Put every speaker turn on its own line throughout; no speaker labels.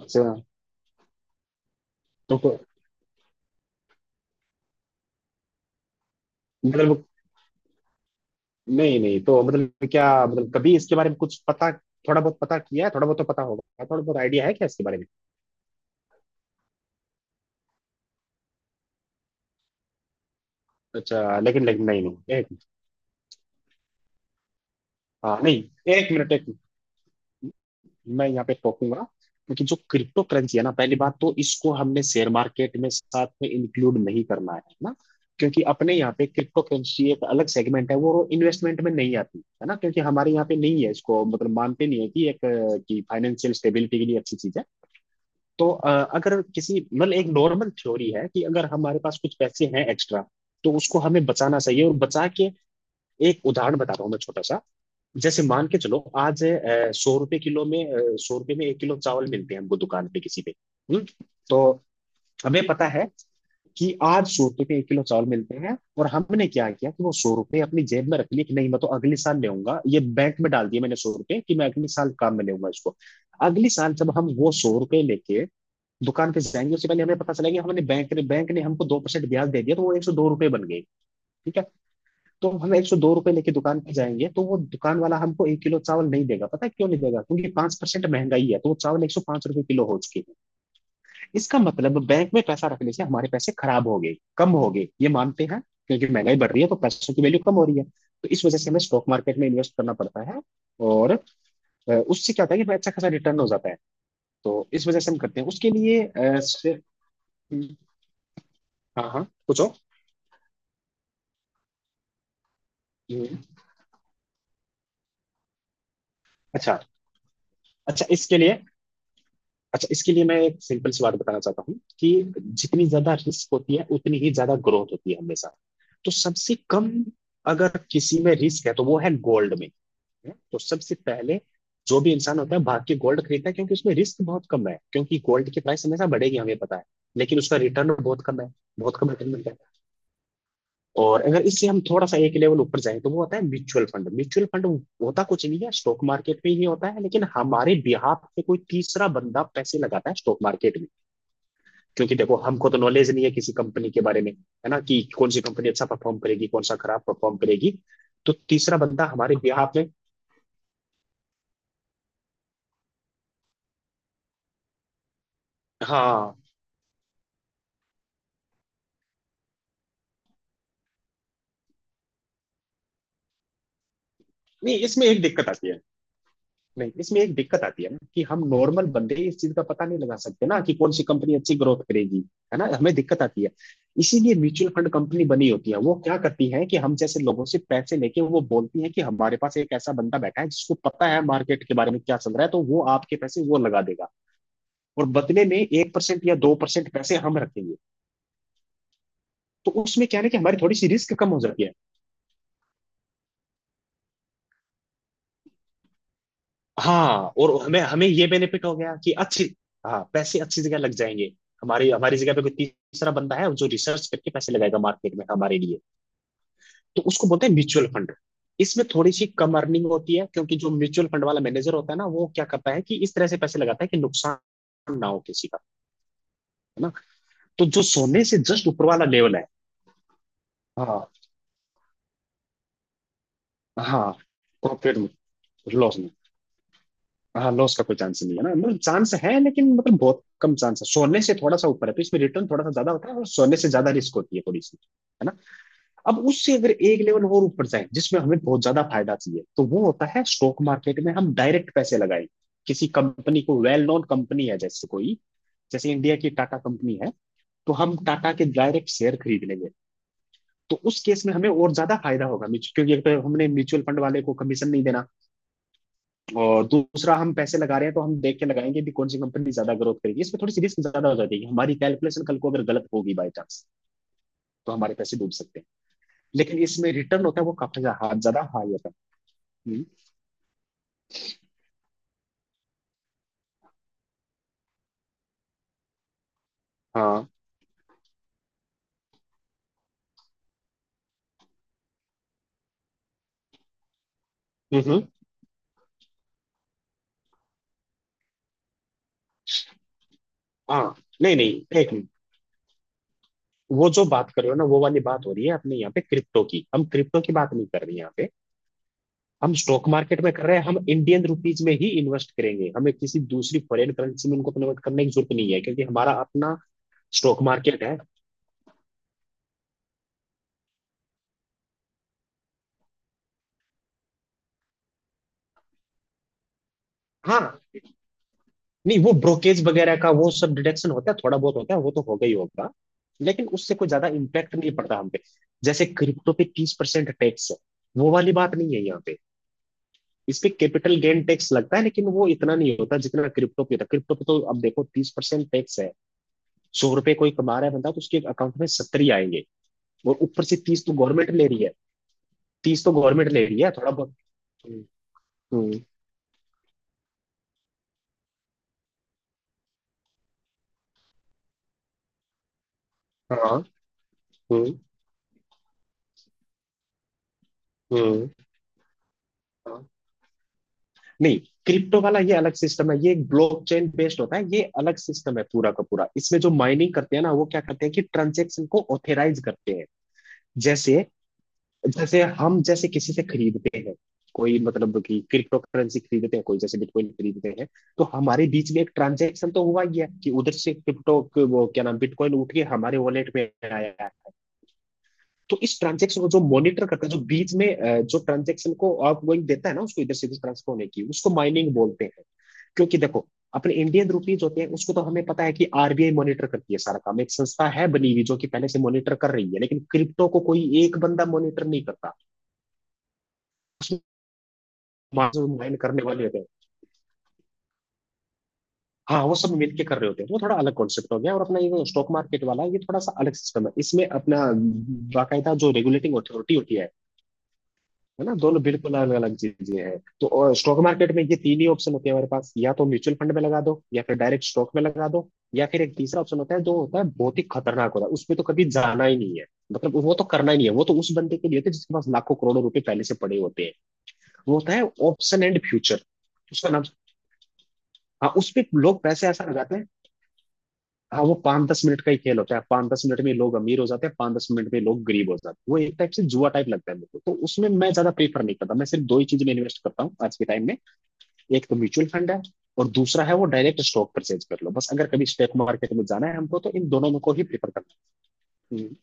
अच्छा। तो को- मतलब नहीं नहीं, तो मतलब क्या मतलब कभी इसके बारे में कुछ पता, थोड़ा बहुत पता किया है, थोड़ा बहुत तो पता होगा, थोड़ा बहुत आइडिया है क्या इसके बारे में? अच्छा, लेकिन लेकिन नहीं नहीं, एक हाँ नहीं, एक मिनट एक मिनट, मैं यहाँ पे टोकूंगा। क्योंकि जो क्रिप्टो करेंसी है ना, पहली बात तो इसको हमने शेयर मार्केट में साथ में इंक्लूड नहीं करना है ना। क्योंकि अपने यहाँ पे क्रिप्टो करेंसी एक अलग सेगमेंट है, वो इन्वेस्टमेंट में नहीं आती है ना, क्योंकि हमारे यहाँ पे नहीं है इसको, मतलब मानते नहीं है कि एक कि फाइनेंशियल स्टेबिलिटी के लिए अच्छी चीज है। तो अगर किसी मतलब एक नॉर्मल थ्योरी है कि अगर हमारे पास कुछ पैसे हैं एक्स्ट्रा, तो उसको हमें बचाना चाहिए, और बचा के एक उदाहरण बता रहा हूँ मैं छोटा सा। जैसे मान के चलो, आज सौ रुपए किलो में, सौ रुपए में एक किलो चावल मिलते हैं हमको दुकान पे किसी पे। हुँ? तो हमें पता है कि आज सौ रुपए के एक किलो चावल मिलते हैं, और हमने क्या किया कि वो सौ रुपए अपनी जेब में रख लिए कि नहीं मैं तो अगले साल लेऊंगा, ये बैंक में डाल दिए मैंने सौ रुपए कि मैं अगले साल काम में लेऊंगा इसको। अगले साल जब हम वो सौ रुपए लेके दुकान पे जाएंगे, उससे पहले हमें पता चला कि हमने बैंक ने हमको 2% ब्याज दे दिया, तो वो 102 रुपये बन गए। ठीक है? तो हम 102 रुपये लेके दुकान पे जाएंगे, तो वो दुकान वाला हमको एक किलो चावल नहीं देगा। पता है क्यों नहीं देगा? क्योंकि 5% महंगाई है, तो वो चावल 105 रुपये किलो हो चुके। इसका मतलब बैंक में पैसा रखने से हमारे पैसे खराब हो गए, कम हो गए, ये मानते हैं। क्योंकि महंगाई बढ़ रही है तो पैसों की वैल्यू कम हो रही है। तो इस वजह से हमें स्टॉक मार्केट में इन्वेस्ट करना पड़ता है। और उससे क्या होता है कि हमें अच्छा खासा रिटर्न हो जाता है। तो इस वजह से हम करते हैं, उसके लिए हाँ हाँ पूछो। हम्म, अच्छा अच्छा इसके लिए, अच्छा इसके लिए मैं एक सिंपल सी बात बताना चाहता हूँ कि जितनी ज्यादा रिस्क होती है उतनी ही ज्यादा ग्रोथ होती है हमेशा। तो सबसे कम अगर किसी में रिस्क है तो वो है गोल्ड में। है? तो सबसे पहले जो भी इंसान होता है, भाग के गोल्ड खरीदता है, क्योंकि उसमें रिस्क बहुत कम है, क्योंकि गोल्ड की प्राइस हमेशा बढ़ेगी हमें पता है। लेकिन उसका रिटर्न बहुत कम है, बहुत कम रिटर्न मिलता है। और अगर इससे हम थोड़ा सा एक लेवल ऊपर जाएं तो वो होता है म्यूचुअल फंड। म्यूचुअल फंड होता कुछ नहीं है, स्टॉक मार्केट में ही होता है, लेकिन हमारे बिहाफ पे कोई तीसरा बंदा पैसे लगाता है स्टॉक मार्केट में। क्योंकि देखो, हमको तो नॉलेज नहीं है किसी कंपनी के बारे में है ना, कि कौन सी कंपनी अच्छा परफॉर्म करेगी, कौन सा खराब परफॉर्म करेगी। तो तीसरा बंदा हमारे बिहाफ में, हाँ, नहीं इसमें एक दिक्कत आती है, नहीं इसमें एक दिक्कत आती है ना कि हम नॉर्मल बंदे इस चीज का पता नहीं लगा सकते ना कि कौन सी कंपनी अच्छी ग्रोथ करेगी। है ना, हमें दिक्कत आती है। इसीलिए म्यूचुअल फंड कंपनी बनी होती है। वो क्या करती है कि हम जैसे लोगों से पैसे लेके वो बोलती है कि हमारे पास एक ऐसा बंदा बैठा है जिसको पता है मार्केट के बारे में क्या चल रहा है, तो वो आपके पैसे वो लगा देगा। और बदले में 1% या 2% पैसे हम रखेंगे। तो उसमें क्या है ना कि हमारी थोड़ी सी रिस्क कम हो जाती है। हाँ और हमें हमें ये बेनिफिट हो गया कि अच्छी, हाँ पैसे अच्छी जगह लग जाएंगे। हमारी हमारी जगह पे कोई तीसरा बंदा है जो रिसर्च करके पैसे लगाएगा मार्केट में हमारे लिए। तो उसको बोलते हैं म्यूचुअल फंड। इसमें थोड़ी सी कम अर्निंग होती है, क्योंकि जो म्यूचुअल फंड वाला मैनेजर होता है ना, वो क्या करता है कि इस तरह से पैसे लगाता है कि नुकसान ना हो किसी का, है ना। तो जो सोने से जस्ट ऊपर वाला लेवल है, हाँ हाँ, प्रॉफिट लॉस, हाँ लॉस का कोई चांस नहीं है ना, मतलब चांस है लेकिन मतलब बहुत कम चांस है, सोने से थोड़ा सा ऊपर है तो इसमें रिटर्न थोड़ा सा ज्यादा होता है और सोने से ज्यादा रिस्क होती है थोड़ी सी, है ना। अब उससे अगर एक लेवल और ऊपर जाए जिसमें हमें बहुत ज्यादा फायदा चाहिए, तो वो होता है स्टॉक मार्केट में हम डायरेक्ट पैसे लगाएं किसी कंपनी को, वेल नोन कंपनी है जैसे कोई, जैसे इंडिया की टाटा कंपनी है। तो हम टाटा के डायरेक्ट शेयर खरीद लेंगे। तो उस केस में हमें और ज्यादा फायदा होगा, क्योंकि एक तो हमने म्यूचुअल फंड वाले को कमीशन नहीं देना, और दूसरा हम पैसे लगा रहे हैं तो हम देख के लगाएंगे भी कौन सी कंपनी ज्यादा ग्रोथ करेगी। इसमें थोड़ी सी रिस्क ज्यादा हो जाती है, हमारी कैलकुलेशन कल को अगर गलत होगी बाई चांस, तो हमारे पैसे डूब सकते हैं। लेकिन इसमें रिटर्न होता है वो काफी ज्यादा, हाँ, ज्यादा हाई होता है। हम्म, हाँ, हम्म, हाँ, नहीं नहीं एक मिनट, वो जो बात कर रहे हो ना वो वाली बात हो रही है अपने यहाँ पे क्रिप्टो की, हम क्रिप्टो की बात नहीं कर रहे हैं यहाँ पे, हम स्टॉक मार्केट में कर रहे हैं। हम इंडियन रुपीज में ही इन्वेस्ट करेंगे, हमें किसी दूसरी फॉरेन करेंसी में उनको कन्वर्ट करने की जरूरत नहीं है क्योंकि हमारा अपना स्टॉक मार्केट है। हाँ, नहीं वो ब्रोकेज वगैरह का वो सब डिडक्शन होता है, थोड़ा बहुत होता है वो तो होगा ही होगा, लेकिन उससे कोई ज्यादा इम्पैक्ट नहीं पड़ता हम पे। जैसे क्रिप्टो पे 30% टैक्स है, वो वाली बात नहीं है यहाँ पे। इस पे कैपिटल गेन टैक्स लगता है, लेकिन वो इतना नहीं होता जितना क्रिप्टो पे होता है। क्रिप्टो पे तो अब देखो 30% टैक्स है, सौ रुपए कोई कमा रहा है बंदा तो उसके अकाउंट में सत्तर ही आएंगे, और ऊपर से तीस तो गवर्नमेंट ले रही है, तीस तो गवर्नमेंट ले रही है थोड़ा बहुत। हम्म, हम्म, हाँ, हम्म, हम्म, नहीं, क्रिप्टो वाला ये अलग सिस्टम है, ये एक ब्लॉकचेन बेस्ड होता है, ये अलग सिस्टम है पूरा का पूरा। इसमें जो माइनिंग करते हैं ना, वो क्या करते हैं कि ट्रांजेक्शन को ऑथराइज करते हैं। जैसे, जैसे हम जैसे किसी से खरीदते हैं, कोई मतलब कि क्रिप्टो करेंसी खरीदते हैं, कोई जैसे बिटकॉइन खरीदते हैं, तो हमारे बीच में एक ट्रांजेक्शन तो हुआ ही है कि उधर से क्रिप्टो, वो क्या नाम, बिटकॉइन उठ के हमारे वॉलेट में आया है। तो इस ट्रांजेक्शन को जो मॉनिटर करता है, जो बीच में जो ट्रांजेक्शन को आप वही देता है ना, उसको इधर से इधर ट्रांसफर होने की, उसको माइनिंग बोलते हैं। क्योंकि देखो, अपने इंडियन रुपीज होते हैं उसको तो हमें पता है कि आरबीआई मॉनिटर करती है सारा काम, एक संस्था है बनी हुई जो कि पहले से मॉनिटर कर रही है, लेकिन क्रिप्टो को कोई एक बंदा मॉनिटर नहीं करता, वहां से वो माइन करने वाले होते हैं। हाँ वो सब मिलके कर रहे होते हैं, वो थोड़ा अलग कॉन्सेप्ट हो गया, और अपना ये स्टॉक मार्केट वाला ये थोड़ा सा अलग सिस्टम है, इसमें अपना बाकायदा जो रेगुलेटिंग अथॉरिटी होती है ना। दोनों बिल्कुल अलग अलग चीजें हैं। तो स्टॉक मार्केट में ये तीन ही ऑप्शन होते हैं हमारे पास, या तो म्यूचुअल फंड में लगा दो, या फिर डायरेक्ट स्टॉक में लगा दो, या फिर एक तीसरा ऑप्शन होता है जो होता है बहुत ही खतरनाक होता है, उसमें तो कभी जाना ही नहीं है, मतलब वो तो करना ही नहीं है, वो तो उस बंदे के लिए होता है जिसके पास लाखों करोड़ों रुपए पहले से पड़े होते हैं। वो होता है ऑप्शन एंड फ्यूचर, उसका नाम। हाँ उस पे लोग पैसे ऐसा लगाते हैं, हाँ वो पाँच दस मिनट का ही खेल होता है, पाँच दस मिनट में लोग अमीर हो जाते हैं, पाँच दस मिनट में लोग गरीब हो जाते हैं। वो एक टाइप से जुआ टाइप लगता है मेरे को, तो उसमें मैं ज्यादा प्रीफर नहीं करता। मैं सिर्फ दो ही चीज में इन्वेस्ट करता हूँ आज के टाइम में, एक तो म्यूचुअल फंड है, और दूसरा है वो डायरेक्ट स्टॉक परचेज कर लो बस। अगर कभी स्टॉक मार्केट में जाना है हमको तो इन दोनों में को ही प्रीफर करना है। हम्म।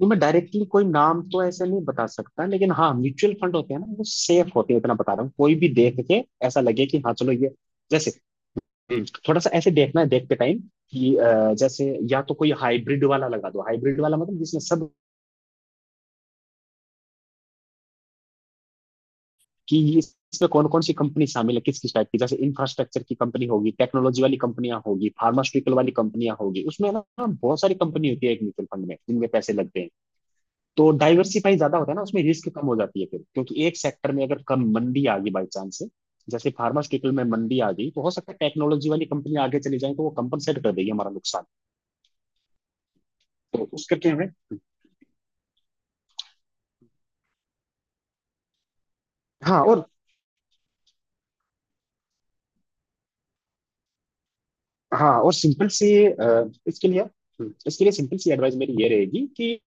तो मैं डायरेक्टली कोई नाम तो ऐसे नहीं बता सकता, लेकिन हाँ म्यूचुअल फंड होते हैं ना वो सेफ होते हैं इतना बता रहा हूँ, कोई भी देख के ऐसा लगे कि हाँ चलो ये, जैसे, थोड़ा सा ऐसे देखना है देखते टाइम कि जैसे या तो कोई हाइब्रिड वाला लगा दो, हाइब्रिड वाला मतलब जिसमें सब कि इसमें कौन कौन सी कंपनी शामिल है, किस किस टाइप की। जैसे इंफ्रास्ट्रक्चर की कंपनी होगी, टेक्नोलॉजी वाली कंपनियां होगी, फार्मास्यूटिकल वाली कंपनियां होगी। उसमें ना बहुत सारी कंपनी होती है एक म्यूचुअल फंड में, जिनमें पैसे लगते हैं। तो डाइवर्सिफाई ज्यादा होता है ना उसमें, रिस्क कम हो जाती है फिर, क्योंकि एक सेक्टर में अगर कम मंदी आ गई बाई चांस से। जैसे फार्मास्यूटिकल में मंदी आ गई, तो हो सकता है टेक्नोलॉजी वाली कंपनी आगे चली जाए, तो वो कंपनसेट कर देगी हमारा नुकसान। तो उस करके हमें। हाँ और हाँ, सिंपल सी इसके लिए सिंपल सी एडवाइस मेरी ये रहेगी कि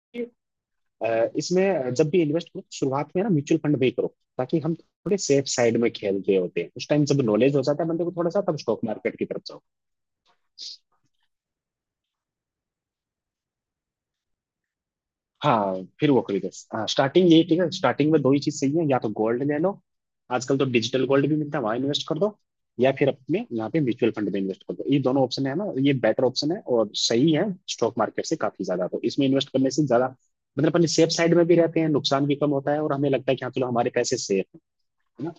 इसमें जब भी इन्वेस्ट करो तो शुरुआत में ना म्यूचुअल फंड में ही करो, ताकि हम थोड़े सेफ साइड में खेल रहे होते हैं उस टाइम। जब नॉलेज हो जाता है बंदे को थोड़ा सा, तब स्टॉक मार्केट की तरफ जाओ। हाँ, फिर वो खरीदो। हाँ, स्टार्टिंग यही ठीक है। स्टार्टिंग में दो ही चीज सही है, या तो गोल्ड ले लो। आजकल तो डिजिटल गोल्ड भी मिलता है, वहां इन्वेस्ट कर दो। या फिर अपने यहाँ पे म्यूचुअल फंड में इन्वेस्ट कर दो। ये दोनों ऑप्शन है ना, ये बेटर ऑप्शन है और सही है स्टॉक मार्केट से काफी ज्यादा। तो इसमें इन्वेस्ट करने से ज्यादा मतलब अपने सेफ साइड में भी रहते हैं, नुकसान भी कम होता है और हमें लगता है कि हाँ चलो हमारे पैसे सेफ है।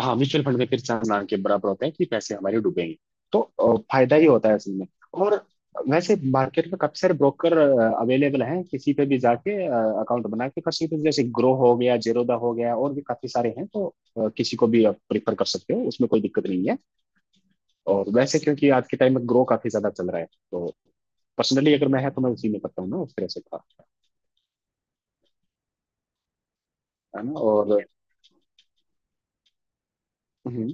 हाँ, म्यूचुअल फंड में फिर चांस ना के बराबर होते हैं कि पैसे हमारे डूबेंगे। तो फायदा ही होता है असल में। और वैसे मार्केट में काफी सारे ब्रोकर अवेलेबल हैं, किसी पे भी जाके अकाउंट बना के कर सकते हो। जैसे ग्रो हो गया, जेरोदा हो गया, और भी काफी सारे हैं। तो किसी को भी आप प्रिफर कर सकते हो, उसमें कोई दिक्कत नहीं है। और वैसे क्योंकि आज के टाइम में ग्रो काफी ज्यादा चल रहा है, तो पर्सनली अगर मैं है तो मैं उसी में करता हूँ ना, उस तरह से था। है ना। हम्म,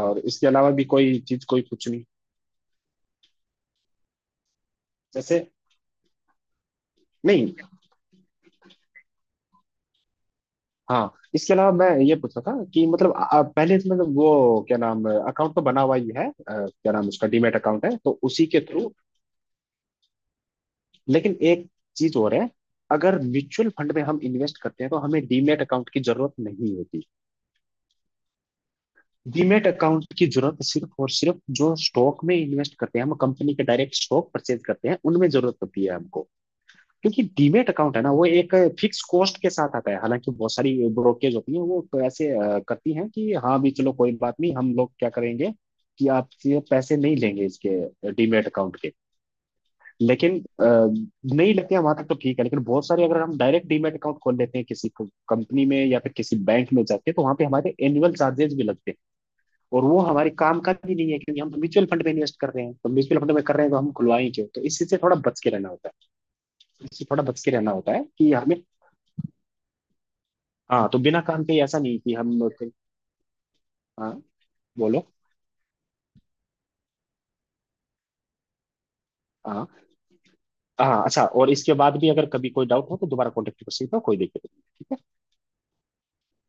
और इसके अलावा भी कोई चीज, कोई कुछ नहीं जैसे? नहीं, हाँ इसके अलावा मैं ये पूछ रहा था कि मतलब पहले इसमें तो वो क्या नाम अकाउंट तो बना हुआ ही है, क्या नाम उसका डीमैट अकाउंट है, तो उसी के थ्रू। लेकिन एक चीज और है। अगर म्यूचुअल फंड में हम इन्वेस्ट करते हैं तो हमें डीमैट अकाउंट की जरूरत नहीं होती। डीमैट अकाउंट की जरूरत सिर्फ और सिर्फ जो स्टॉक में इन्वेस्ट करते हैं, हम कंपनी के डायरेक्ट स्टॉक परचेज करते हैं, उनमें जरूरत होती है हमको। क्योंकि डीमेट अकाउंट है ना, वो एक फिक्स कॉस्ट के साथ आता है। हालांकि बहुत सारी ब्रोकरेज होती है, वो तो ऐसे करती हैं कि हाँ भी चलो कोई बात नहीं, हम लोग क्या करेंगे कि आपसे पैसे नहीं लेंगे इसके डीमेट अकाउंट के। लेकिन नहीं लेते हैं वहां तक तो ठीक है। लेकिन बहुत सारे अगर हम डायरेक्ट डीमेट अकाउंट खोल लेते हैं किसी कंपनी में या फिर किसी बैंक में जाके, तो वहां पे हमारे एनुअल चार्जेस भी लगते हैं। और वो हमारे काम का भी नहीं है, क्योंकि हम तो म्यूचुअल फंड में इन्वेस्ट कर रहे हैं। तो म्यूचुअल फंड में कर रहे हैं तो हम खुलवाएं क्यों? तो इसी से थोड़ा बच के रहना होता है। इससे थोड़ा बच के रहना होता है कि हमें, हाँ तो बिना काम के ही ऐसा नहीं कि हम लोग-। हाँ बोलो। हाँ हाँ, अच्छा। और इसके बाद भी अगर कभी कोई डाउट हो तो दोबारा कॉन्टेक्ट कर सकते हो, कोई दिक्कत नहीं, ठीक है।